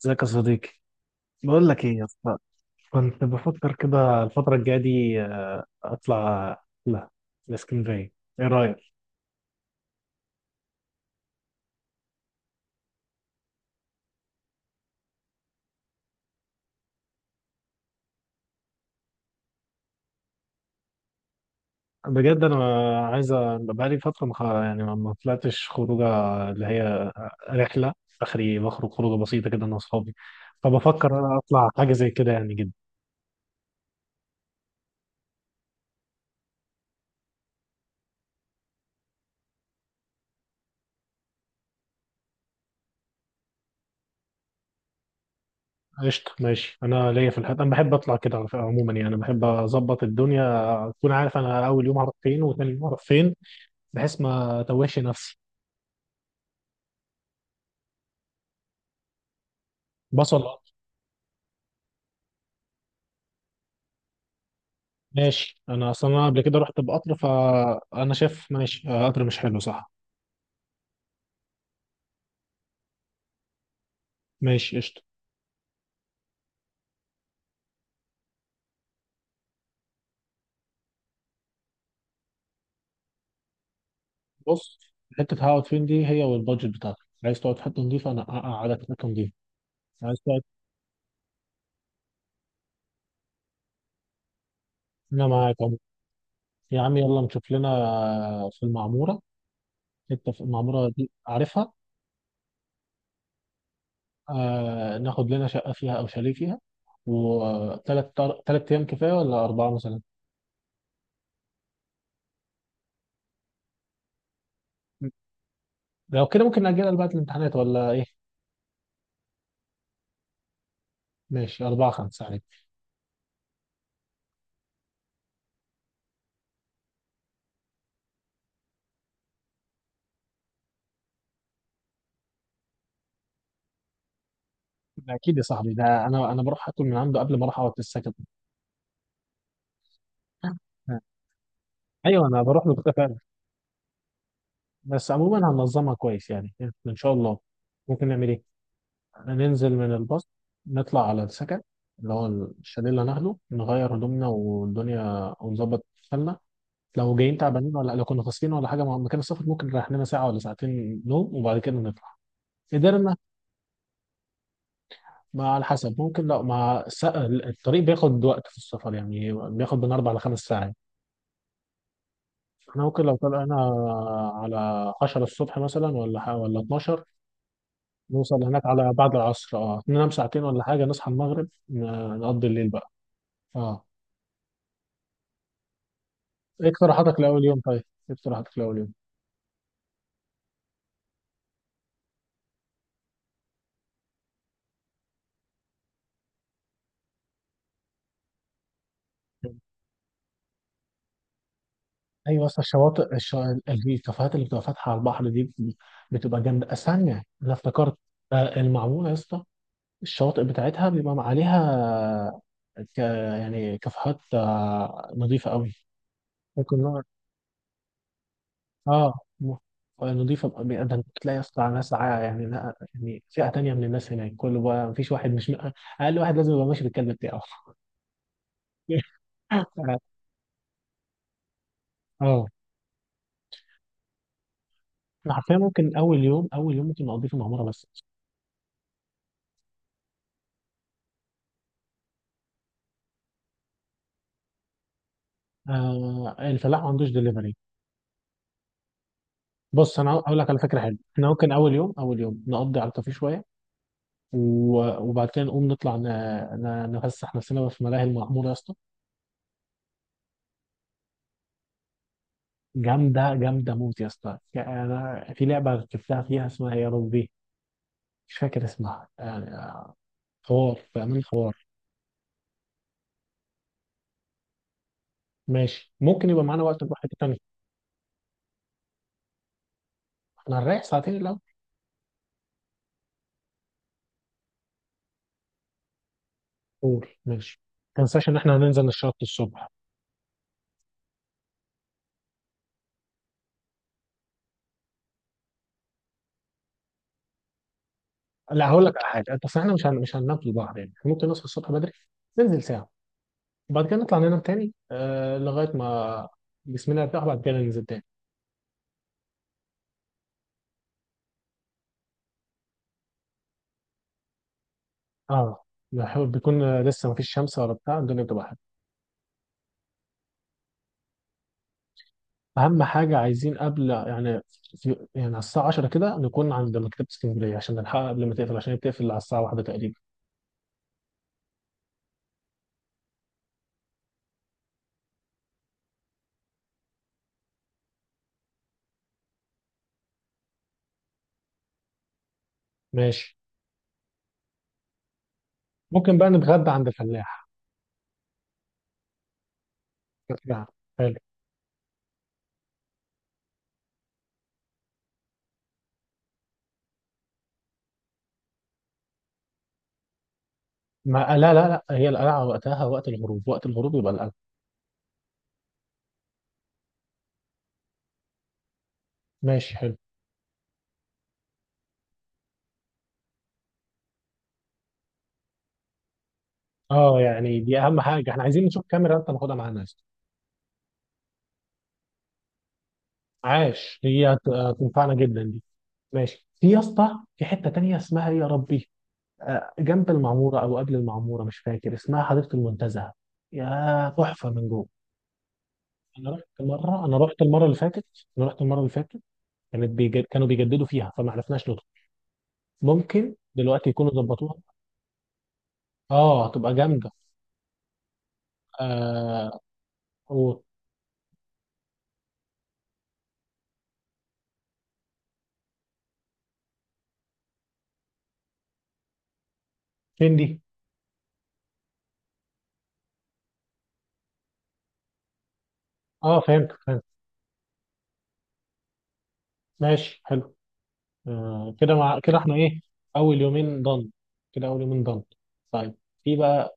ازيك يا صديقي. بقول لك ايه يا اسطى؟ كنت بفكر كده الفترة الجاية دي اطلع لا الاسكندرية. ايه رأيك؟ بجد انا عايز بقالي فترة يعني ما طلعتش خروجة، اللي هي رحلة اخري، بخرج خروجة بسيطة كده انا واصحابي، فبفكر انا اطلع حاجة زي كده يعني جدا. قشطة، ماشي. انا ليا في الحاجات، انا بحب اطلع كده على فكرة عموما، يعني انا بحب اظبط الدنيا، اكون عارف انا اول يوم هروح فين وثاني يوم هروح فين بحيث ما اتوهش نفسي. بصل. ماشي، انا اصلا انا قبل كده رحت بقطر، فانا شايف ماشي قطر مش حلو صح؟ ماشي قشطه. بص، حته هقعد فين دي هي والبادجت بتاعتك. عايز تقعد في حته نظيفه، انا اقعدك في حته نظيفه. عايز تقعد؟ انا معاك عمو. يا عم يلا نشوف لنا في المعموره. حته في المعموره دي عارفها؟ آه، ناخد لنا شقه فيها او شاليه فيها، وثلاث ايام كفايه ولا اربعه مثلا؟ لو كده ممكن نأجلها لبعد الامتحانات ولا ايه؟ ماشي، اربعه خمسه عليك. ده اكيد يا صاحبي. ده انا بروح اكل من عنده قبل ما اروح اقعد في السكن. ايوه انا بروح له كده فعلا. بس عموما هننظمها كويس يعني، ان شاء الله. ممكن نعمل ايه؟ ننزل من الباص، نطلع على السكن، اللي هو الشاليه اللي هناخده، نغير هدومنا والدنيا ونظبط حالنا. لو جايين تعبانين ولا لو كنا فاصلين ولا حاجه مكان السفر، ممكن نريح لنا ساعه ولا ساعتين نوم وبعد كده نطلع. قدرنا مع على حسب، ممكن لو مع الطريق بياخد وقت في السفر، يعني بياخد من اربع لخمس ساعات. احنا ممكن لو طلعنا على 10 الصبح مثلا ولا 12، نوصل هناك على بعد العصر، ننام ساعتين ولا حاجة، نصحى المغرب نقضي الليل بقى. اه. ايه اقتراحاتك لأول يوم طيب؟ ايه اقتراحاتك لأول يوم؟ ايوه، اصل الشواطئ الكافيهات اللي بتبقى فاتحه على البحر دي بتبقى جامده. استنى انا افتكرت، المعموره يا اسطى، الشواطئ بتاعتها بيبقى عليها يعني كافيهات نظيفه قوي. ممكن. اه م- نضيفة ده انت تلاقي اصلا ناس يعني لا يعني فئة تانية من الناس. هناك كله بقى مفيش واحد مش، اقل واحد لازم يبقى ماشي بالكلب بتاعه. اه، أنا حرفيا ممكن اول يوم ممكن اقضيه في المعمورة بس. آه، الفلاح ما عندوش دليفري. بص انا اقول لك على فكرة حلوة، احنا ممكن اول يوم نقضي على الكافيه شوية وبعد كده نقوم نطلع نفسح نفسنا بقى في ملاهي المعمورة يا اسطى. جامدة جامدة موت يا اسطى، يعني انا في لعبة ركبتها فيها اسمها يا ربي، مش فاكر اسمها حوار في امان حوار. ماشي، ممكن يبقى معانا وقت نروح حته تانيه. احنا هنريح ساعتين الاول. قول ماشي. ما تنساش ان احنا هننزل نشاط الصبح. لا هقول لك على حاجه، انت احنا مش هننام في البحر، يعني إحنا ممكن نصحى الصبح بدري، ننزل ساعه، وبعد كده نطلع ننام تاني لغايه ما جسمنا يرتاح، وبعد كده ننزل تاني. اه، بيكون لسه ما فيش شمس ولا بتاع، الدنيا بتبقى حلوه. اهم حاجه عايزين قبل يعني في... يعني على الساعه 10 كده نكون عند مكتبه اسكندريه عشان نلحقها قبل ما تقفل، عشان هي بتقفل على الساعه 1 تقريبا. ماشي، ممكن بقى نتغدى عند الفلاح. فكرة حلو. ما لا لا لا، هي القلعة وقتها وقت الغروب، وقت الغروب يبقى القلعة. ماشي حلو. اه، يعني دي أهم حاجة، احنا عايزين نشوف كاميرا. أنت ماخدها معانا يا اسطى. عاش، هي هتنفعنا جدا دي. ماشي، في يا اسطى في حتة تانية اسمها إيه يا ربي، جنب المعمورة أو قبل المعمورة، مش فاكر اسمها، حديقة المنتزه. يا تحفة من جوه. أنا رحت مرة أنا رحت المرة اللي فاتت أنا رحت المرة اللي فاتت، كانوا بيجددوا فيها فما عرفناش ندخل. ممكن دلوقتي يكونوا ظبطوها. اه هتبقى جامده. آه. وفين دي؟ اه فهمت فهمت. ماشي حلو. آه كده، مع كده احنا ايه. اول يومين ضن، كده اول يومين ضن طيب، في بقى،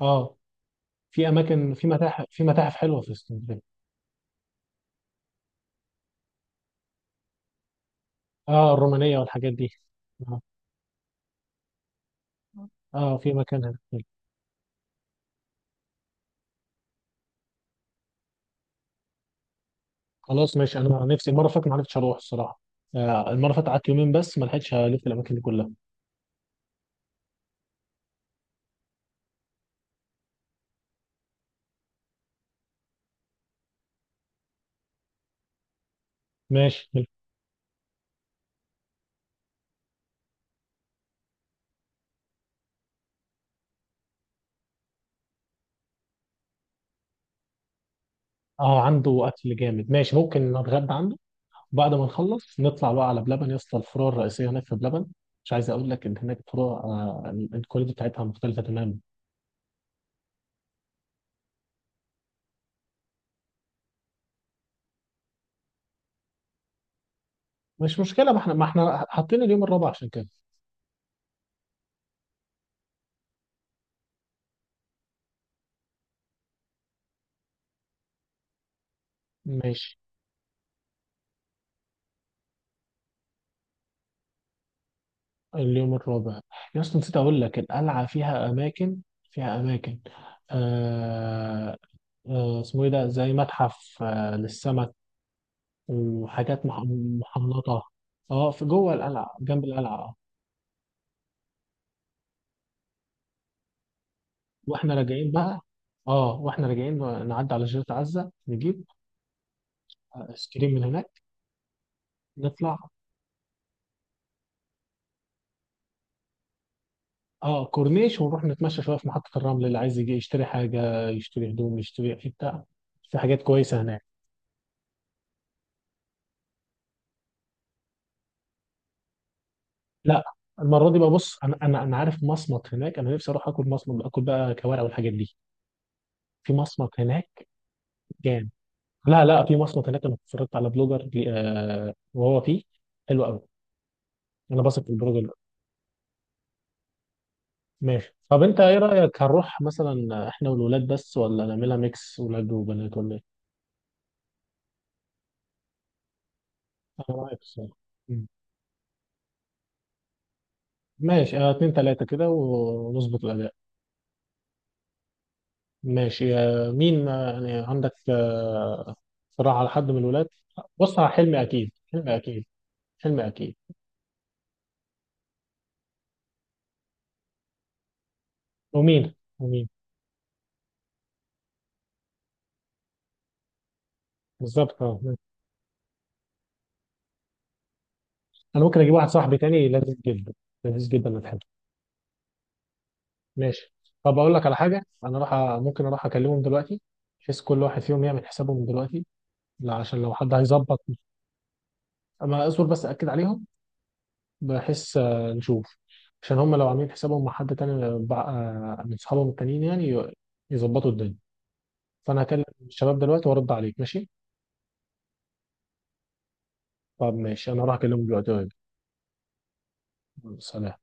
اه، في اماكن، في متاحف حلوه في اسكندريه. اه الرومانيه والحاجات دي. اه، آه في مكان هناك حلو. خلاص ماشي، انا نفسي المره اللي فاتت ما عرفتش اروح الصراحه. آه المره اللي فاتت قعدت يومين بس، ما لحقتش الف الاماكن دي كلها. ماشي حلو. اه عنده اكل جامد، ماشي ممكن نتغدى عنده. بعد ما نخلص نطلع بقى على بلبن يا اسطى، الفروع الرئيسيه هناك في بلبن. مش عايز اقول لك ان هناك فروع الكواليتي بتاعتها مختلفه تماما. مش مشكله، ما احنا حاطين اليوم الرابع عشان كده. ماشي. اليوم الرابع يا اسطى، نسيت اقول لك القلعه فيها اماكن، فيها اماكن آه آه اسمه ايه ده، زي متحف للسمك وحاجات محنطه. اه، في جوه القلعه جنب القلعه. واحنا راجعين بقى، اه واحنا راجعين نعدي على جزيره عزه، نجيب ايس كريم من هناك. نطلع اه كورنيش ونروح نتمشى شويه في محطه الرمل، اللي عايز يجي يشتري حاجه يشتري هدوم، يشتري في بتاع، في حاجات كويسه هناك. لا، المره دي بقى بص، انا انا عارف مصمت هناك، انا نفسي اروح اكل مصمت، اكل بقى كوارع والحاجات دي. في مصمت هناك جامد. لا لا، في مصمت هناك، انا اتفرجت على بلوجر وهو فيه، حلو قوي. انا بثق في البلوجر ده. ماشي، طب انت ايه رايك، هنروح مثلا احنا والولاد بس، ولا نعملها ميكس ولاد وبنات ولا ايه؟ انا معاك الصراحه. ماشي اتنين تلاتة كده ونظبط الأداء. ماشي مين يعني عندك صراحة على حد من الولاد؟ بص على حلمي أكيد حلمي أكيد. ومين بالظبط، اه ماشي. أنا ممكن أجيب واحد صاحبي تاني لذيذ جدا، لذيذ جدا، أنا بحبه. ماشي. طب أقول لك على حاجة، أنا راح ممكن أروح أكلمهم دلوقتي، بحيث كل واحد فيهم يعمل حسابه من دلوقتي. لا عشان لو حد هيظبط. أما أصبر بس أكد عليهم، بحس نشوف. عشان هم لو عاملين حسابهم مع حد تاني من صحابهم التانيين يعني يظبطوا الدنيا. فانا هكلم الشباب دلوقتي وارد عليك ماشي. طب ماشي، انا هروح اكلمهم دلوقتي. يلا، سلام.